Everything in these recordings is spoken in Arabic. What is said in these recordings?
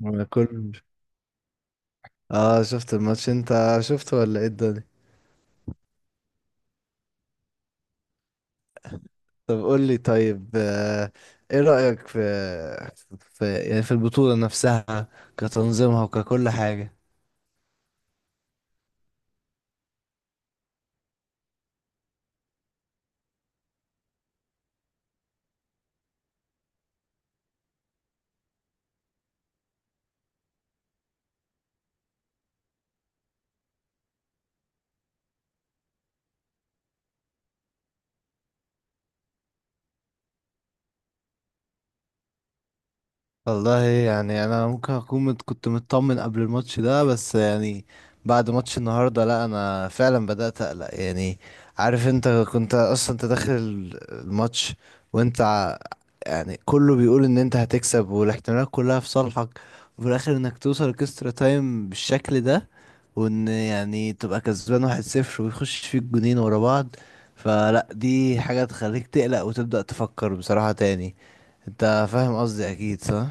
ما كل اه، شفت الماتش، انت شفته ولا ايه الدنيا؟ طب قول لي، طيب، ايه رأيك في... في يعني في البطولة نفسها، كتنظيمها وككل حاجة. والله يعني انا ممكن اكون كنت مطمن قبل الماتش ده، بس يعني بعد ماتش النهارده، لا، انا فعلا بدأت اقلق يعني. عارف انت، كنت اصلا انت داخل الماتش وانت يعني كله بيقول ان انت هتكسب، والاحتمالات كلها في صالحك، وفي الاخر انك توصل اكسترا تايم بالشكل ده، وان يعني تبقى كسبان 1-0، ويخش فيك جونين ورا بعض. فلا دي حاجة تخليك تقلق وتبدأ تفكر بصراحة تاني. انت فاهم قصدي اكيد، صح؟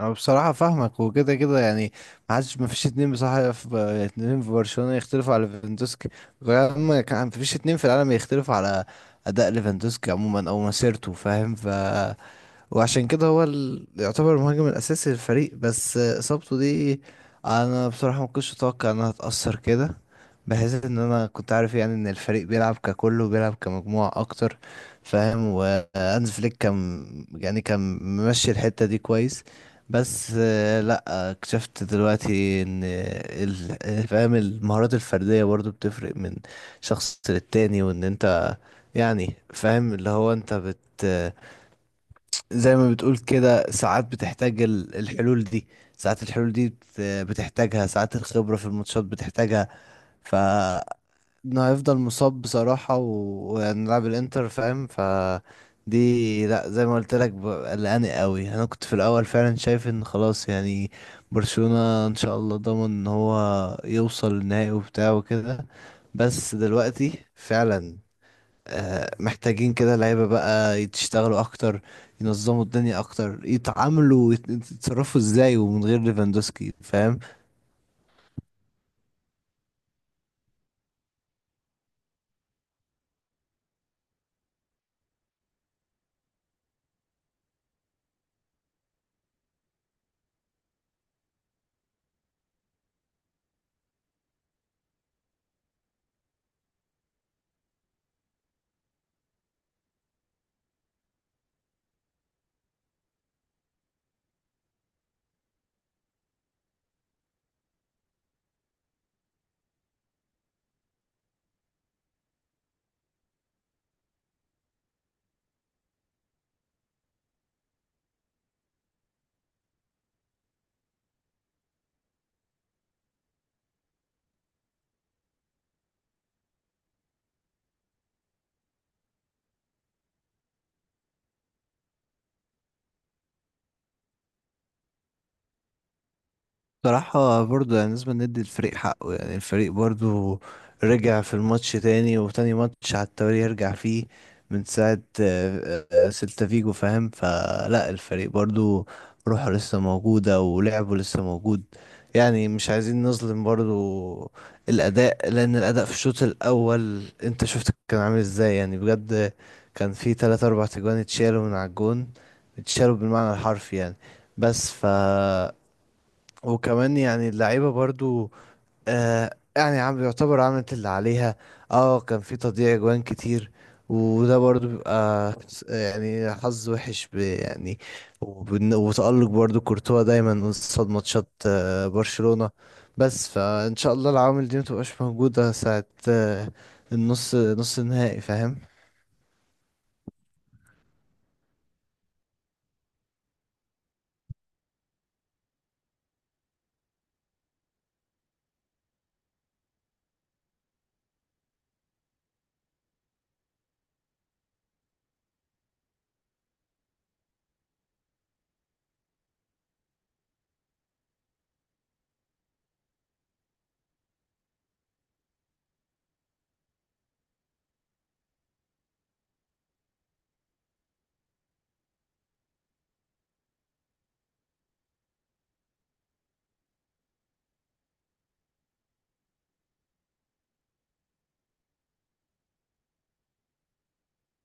انا بصراحة فاهمك، وكده كده يعني ما فيش اتنين بصراحة، في اتنين في برشلونة يختلفوا على ليفاندوسكي، وكمان ما فيش اتنين في العالم يختلفوا على اداء ليفاندوسكي عموما، او مسيرته، فاهم؟ وعشان كده هو يعتبر المهاجم الأساسي للفريق، بس إصابته دي أنا بصراحة ما كنتش أتوقع إنها تأثر كده، بحيث إن أنا كنت عارف يعني إن الفريق بيلعب ككل وبيلعب كمجموعة أكتر، فاهم؟ وهانز فليك كان، يعني كان ممشي الحتة دي كويس. بس لأ، اكتشفت دلوقتي إن فاهم، المهارات الفردية برضو بتفرق من شخص للتاني، وإن أنت يعني فاهم اللي هو أنت زي ما بتقول كده، ساعات بتحتاج الحلول دي، ساعات الحلول دي بتحتاجها، ساعات الخبرة في الماتشات بتحتاجها. ف انه هيفضل مصاب بصراحة، وهنلعب الانتر، فاهم؟ دي لا، زي ما قلت لك، قلقاني قوي. انا كنت في الاول فعلا شايف ان خلاص يعني برشلونة ان شاء الله ضامن ان هو يوصل النهائي وبتاع وكده، بس دلوقتي فعلا محتاجين كده لعيبة بقى يشتغلوا أكتر، ينظموا الدنيا أكتر، يتعاملوا يتصرفوا إزاي، ومن غير ليفاندوسكي فاهم. بصراحة برضه يعني لازم ندي الفريق حقه، يعني الفريق برضه رجع في الماتش تاني، وتاني ماتش على التوالي يرجع فيه من ساعة سيلتا فيجو، فاهم؟ فلا الفريق برضه روحه لسه موجودة، ولعبه لسه موجود، يعني مش عايزين نظلم برضه الأداء، لأن الأداء في الشوط الأول أنت شفت كان عامل إزاي يعني بجد. كان في تلاتة أربع تجوان اتشالوا من على الجون، اتشالوا بالمعنى الحرفي يعني. بس وكمان يعني اللعيبة برضو آه يعني عم يعتبر عملت اللي عليها. اه كان في تضييع جوان كتير، وده برضو بيبقى يعني حظ وحش يعني، وتألق برضو كورتوا دايما قصاد ماتشات برشلونة. بس فإن شاء الله العوامل دي متبقاش موجودة ساعة آه نص النهائي، فاهم؟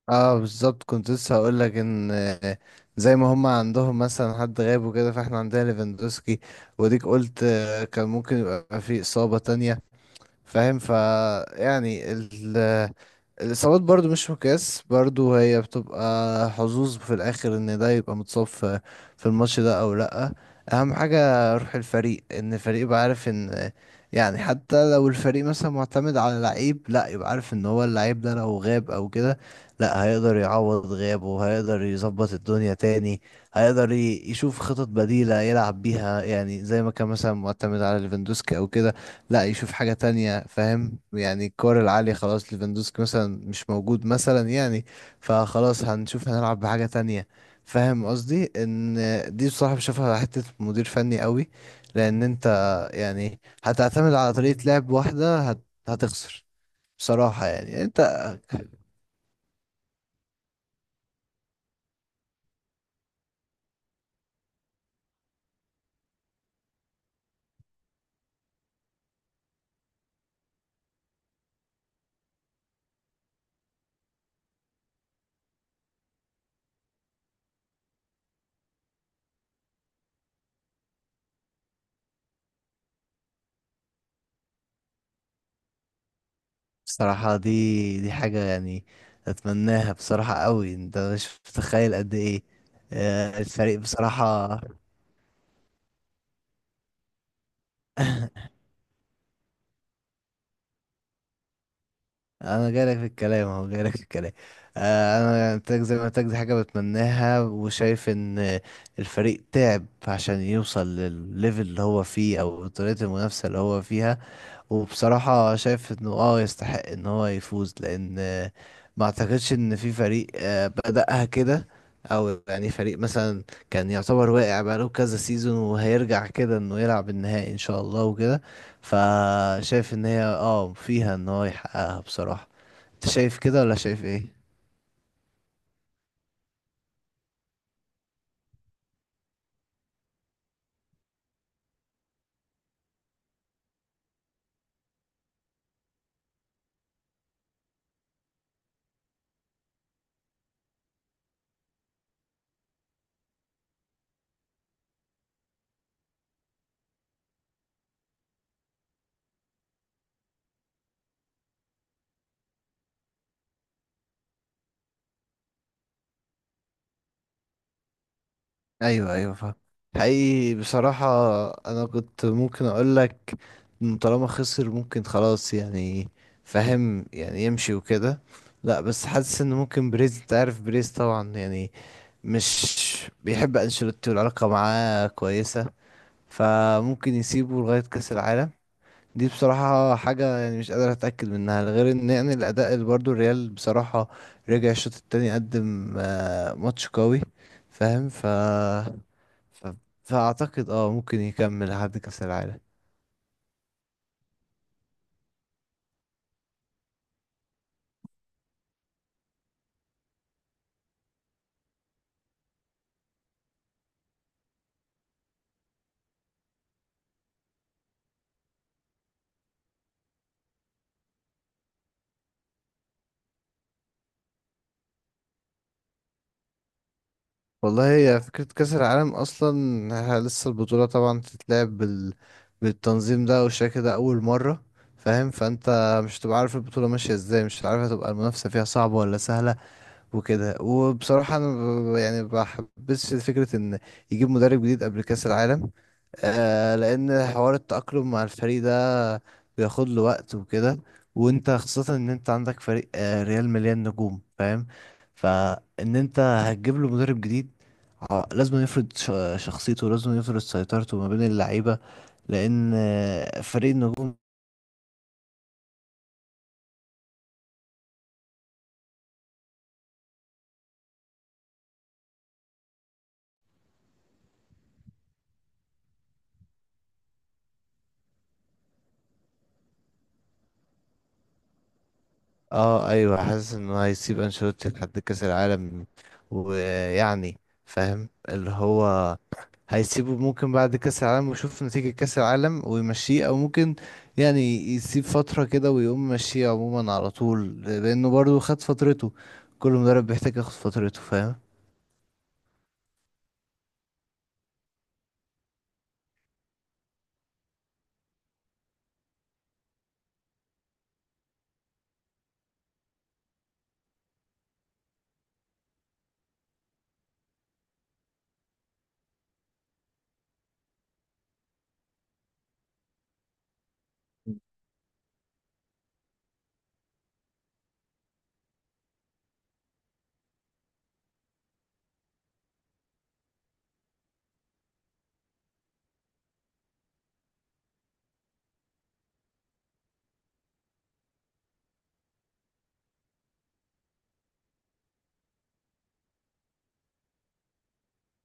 اه بالظبط، كنت لسه هقول لك ان زي ما هم عندهم مثلا حد غاب وكده، فاحنا عندنا ليفاندوسكي. وديك قلت كان ممكن يبقى في اصابة تانية، فاهم؟ يعني الإصابات برضو مش مقياس، برضو هي بتبقى حظوظ في الآخر إن ده يبقى متصاب في الماتش ده أو لأ. أهم حاجة روح الفريق، إن الفريق يبقى عارف إن يعني حتى لو الفريق مثلا معتمد على لعيب، لأ يبقى عارف إن هو اللعيب ده لو غاب أو كده، لأ هيقدر يعوض غيابه، هيقدر يظبط الدنيا تاني، هيقدر يشوف خطط بديلة يلعب بيها، يعني زي ما كان مثلا معتمد على ليفاندوسكي أو كده، لا يشوف حاجة تانية، فاهم؟ يعني الكور العالية، خلاص ليفاندوسكي مثلا مش موجود مثلا يعني، فخلاص هنشوف هنلعب بحاجة تانية. فاهم قصدي؟ ان دي بصراحة بشوفها حتة مدير فني قوي، لان انت يعني هتعتمد على طريقة لعب واحدة هتخسر بصراحة يعني انت. بصراحة دي حاجة يعني اتمناها بصراحة قوي، انت مش متخيل قد ايه. الفريق بصراحة انا جايلك في الكلام، اهو جايلك في الكلام. انا يعني تاك زي ما تاك دي حاجه بتمناها، وشايف ان الفريق تعب عشان يوصل للليفل اللي هو فيه، او طريقه المنافسه اللي هو فيها. وبصراحه شايف انه اه يستحق ان هو يفوز، لان ما اعتقدش ان في فريق بدأها كده، او يعني فريق مثلا كان يعتبر واقع بقاله كذا سيزون وهيرجع كده انه يلعب النهائي ان شاء الله وكده. فشايف ان هي اه فيها ان هو يحققها بصراحه. انت شايف كده ولا شايف ايه؟ ايوه ايوه فاهم. حقيقي بصراحة انا كنت ممكن اقول لك طالما خسر ممكن خلاص يعني، فاهم، يعني يمشي وكده. لا بس حاسس ان ممكن بريز، انت عارف بريز طبعا يعني مش بيحب انشيلوتي، والعلاقة معاه كويسة، فممكن يسيبه لغاية كأس العالم. دي بصراحة حاجة يعني مش قادر أتأكد منها، غير إن يعني الأداء اللي برضو الريال بصراحة رجع الشوط التاني، قدم ماتش قوي، فاهم؟ ف... فأعتقد اه ممكن يكمل لحد كأس العالم. والله، هي فكرة كأس العالم أصلا، لسه البطولة طبعا تتلعب بالتنظيم ده والشكل ده أول مرة، فاهم؟ فأنت مش هتبقى عارف البطولة ماشية ازاي، مش عارف هتبقى المنافسة فيها صعبة ولا سهلة وكده. وبصراحة أنا يعني ما بحبش فكرة إن يجيب مدرب جديد قبل كأس العالم. آه لأن حوار التأقلم مع الفريق ده بياخد له وقت وكده. وأنت خاصة إن أنت عندك فريق آه ريال مليان نجوم، فاهم؟ فإن أنت هتجيب له مدرب جديد، لازم يفرض شخصيته، لازم يفرض سيطرته ما بين اللعيبة، لأن فريق النجوم. اه ايوه، حاسس انه هيسيب انشيلوتي لحد كاس العالم، ويعني فاهم اللي هو هيسيبه ممكن بعد كاس العالم ويشوف نتيجة كاس العالم ويمشيه، او ممكن يعني يسيب فترة كده ويقوم مشيه عموما على طول، لانه برضو خد فترته. كل مدرب بيحتاج ياخد فترته فاهم.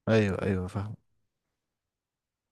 ايوه ايوه فاهم.